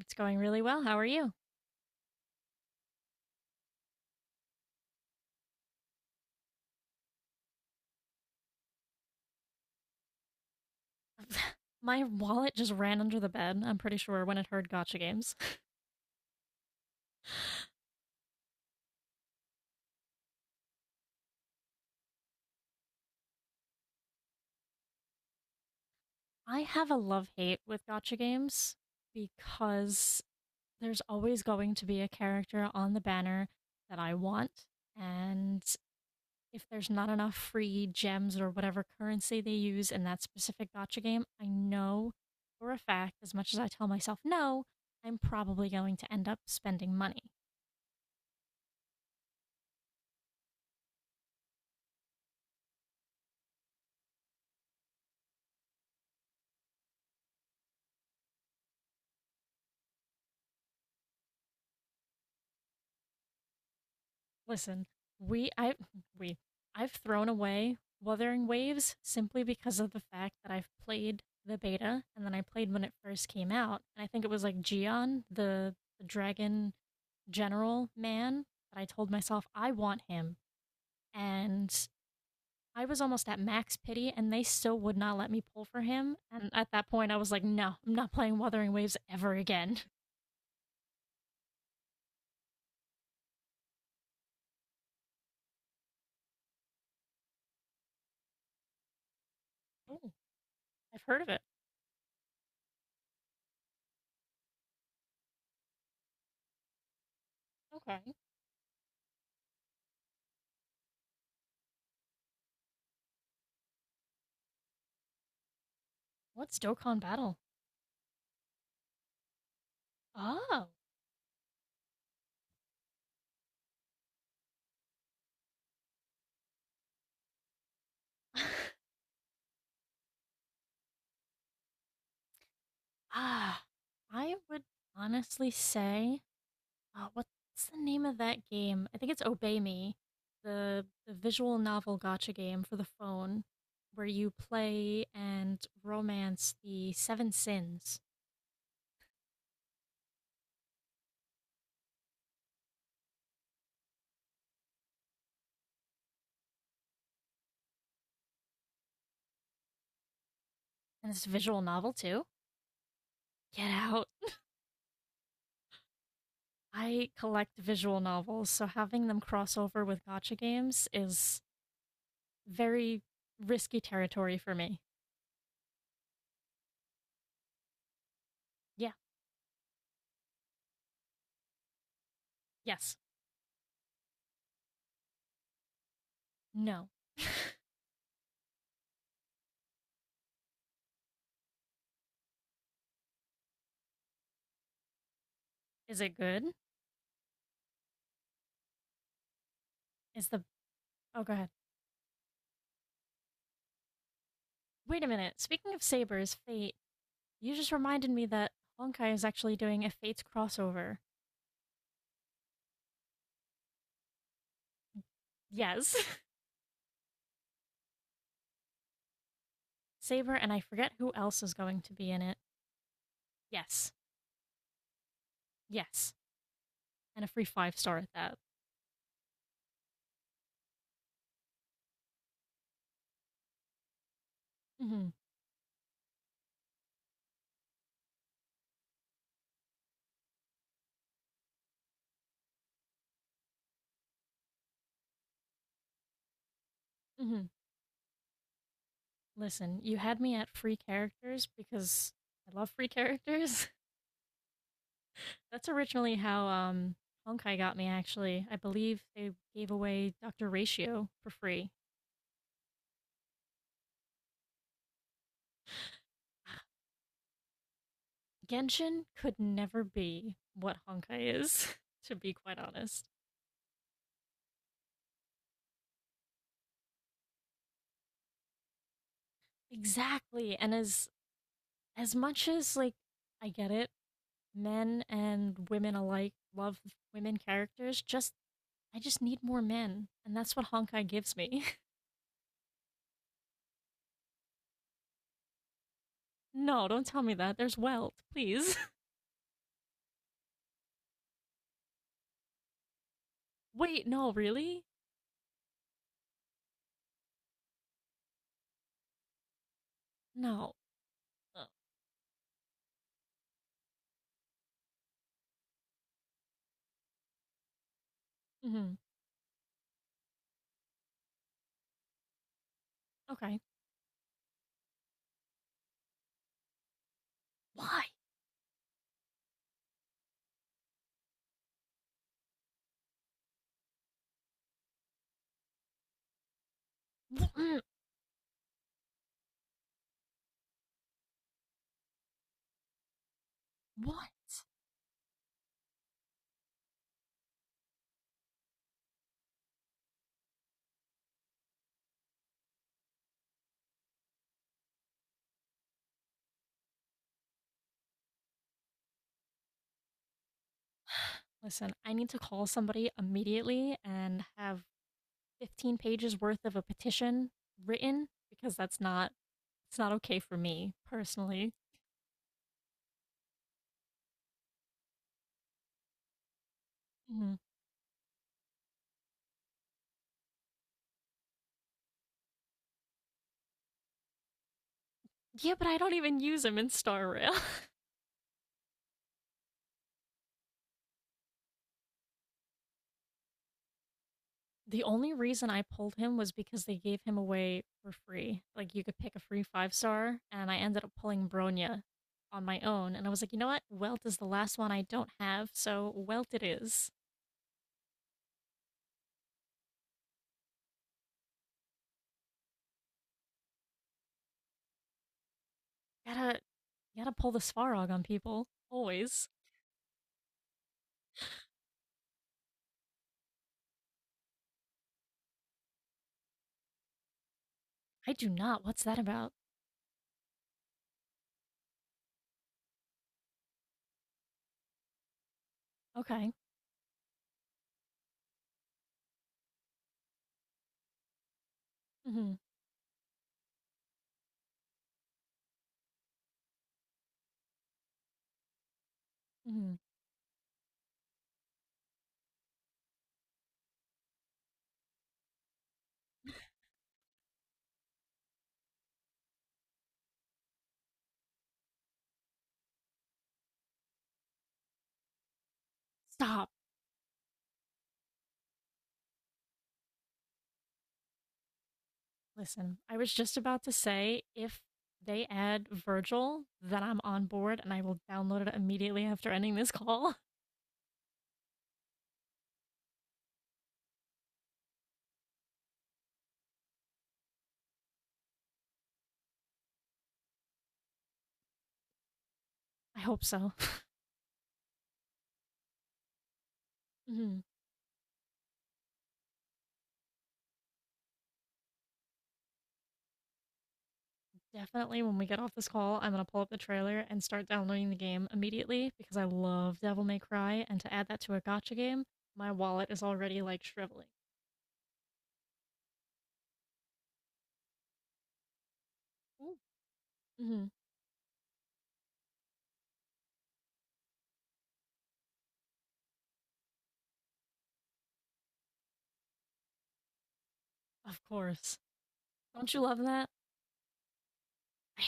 It's going really well. How are you? My wallet just ran under the bed, I'm pretty sure, when it heard gotcha games. I have a love hate with gotcha games because there's always going to be a character on the banner that I want. And if there's not enough free gems or whatever currency they use in that specific gotcha game, I know for a fact, as much as I tell myself no, I'm probably going to end up spending money. Listen, we I we I've thrown away Wuthering Waves simply because of the fact that I've played the beta and then I played when it first came out. And I think it was like Gion, the dragon general man, that I told myself I want him. And I was almost at max pity and they still would not let me pull for him. And at that point I was like, no, I'm not playing Wuthering Waves ever again. Oh, I've heard of it. Okay. What's Dokkan Battle? Oh. Ah, I would honestly say, what's the name of that game? I think it's Obey Me, the visual novel gotcha game for the phone, where you play and romance the Seven Sins, and it's a visual novel too. Get out! I collect visual novels, so having them cross over with gotcha games is very risky territory for me. Yeah. Yes. No. Is it good? Is the Oh, go ahead. Wait a minute. Speaking of Saber's Fate, you just reminded me that Honkai is actually doing a Fates crossover. Yes. Saber, and I forget who else is going to be in it. Yes. Yes. And a free five star at that. Mm-hmm. Mm-hmm. Listen, you had me at free characters because I love free characters. That's originally how Honkai got me, actually. I believe they gave away Dr. Ratio for free. Genshin could never be what Honkai is, to be quite honest. Exactly. And as much as like I get it, men and women alike love women characters, just I just need more men. And that's what Honkai gives me. No, don't tell me that. There's wealth, please. Wait, no, really? No. Uh, mhm. Okay. Why? Wh- mm, What? Listen, I need to call somebody immediately and have 15 pages worth of a petition written because that's not, it's not okay for me personally. Mhm. Yeah, but I don't even use him in Star Rail. The only reason I pulled him was because they gave him away for free. Like you could pick a free five star, and I ended up pulling Bronya on my own. And I was like, you know what? Welt is the last one I don't have, so Welt it is. Gotta gotta pull the Svarog on people always. I do not. What's that about? Okay. Hmm. Hmm. Stop. Listen, I was just about to say if they add Virgil, then I'm on board and I will download it immediately after ending this call. I hope so. Mhm. Definitely when we get off this call, I'm going to pull up the trailer and start downloading the game immediately because I love Devil May Cry. And to add that to a gotcha game, my wallet is already like shriveling. Hmm. Of course. Don't you love that? I,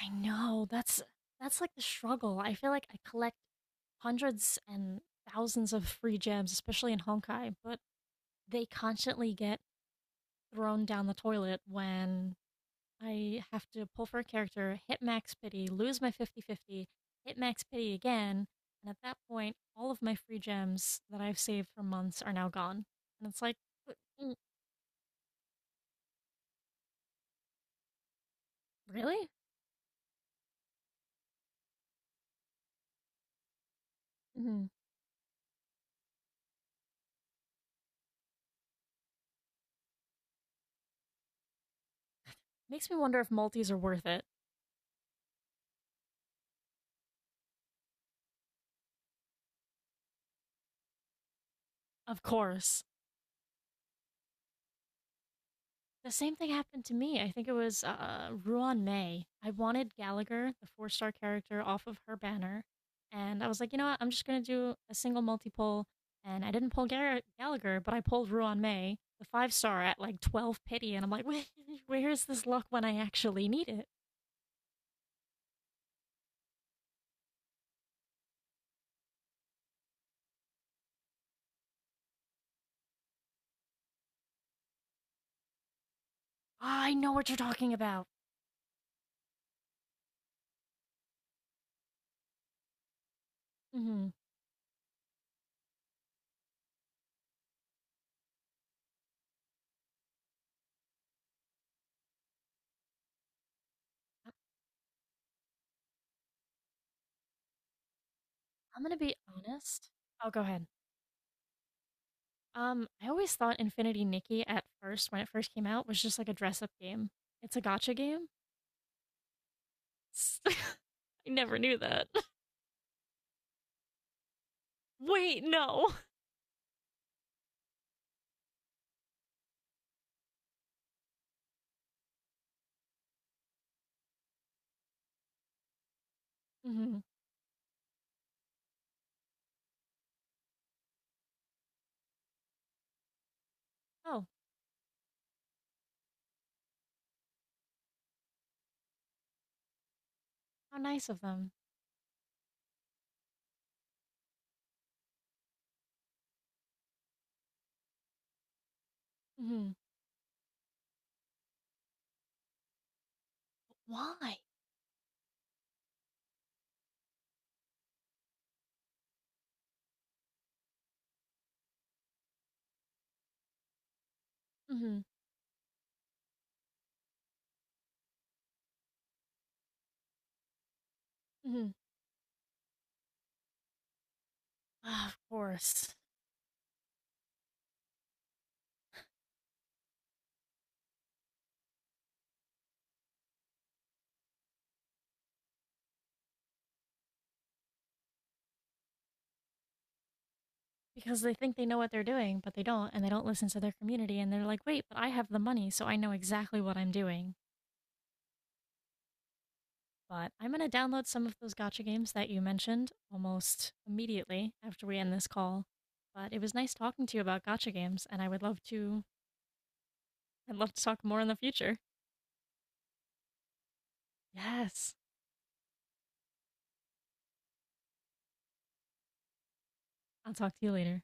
I know. That's like the struggle. I feel like I collect hundreds and thousands of free gems, especially in Honkai, but they constantly get thrown down the toilet when I have to pull for a character, hit max pity, lose my fifty-fifty, hit max pity again, and at that point, all of my free gems that I've saved for months are now gone. And it's like, w- mm, really? Hmm. Makes me wonder if multis are worth it. Of course. The same thing happened to me. I think it was Ruan May. I wanted Gallagher, the four-star character, off of her banner. And I was like, you know what? I'm just going to do a single multi pull. And I didn't pull Gallagher, but I pulled Ruan May, the five star, at like 12 pity. And I'm like, wait, where is this luck when I actually need it? I know what you're talking about. Hmm. I'm going to be honest. Oh, go ahead. I always thought Infinity Nikki at first, when it first came out, was just like a dress up game. It's a gotcha game, I never knew that. Wait, no. Mm-hmm. Oh, how nice of them. Mm-hmm. Why? Mm-hmm. Mm-hmm. Ah, of course. Because they think they know what they're doing, but they don't, and they don't listen to their community, and they're like, wait, but I have the money, so I know exactly what I'm doing. But I'm going to download some of those gotcha games that you mentioned almost immediately after we end this call. But it was nice talking to you about gotcha games, and I would love to. I'd love to talk more in the future. Yes. I'll talk to you later.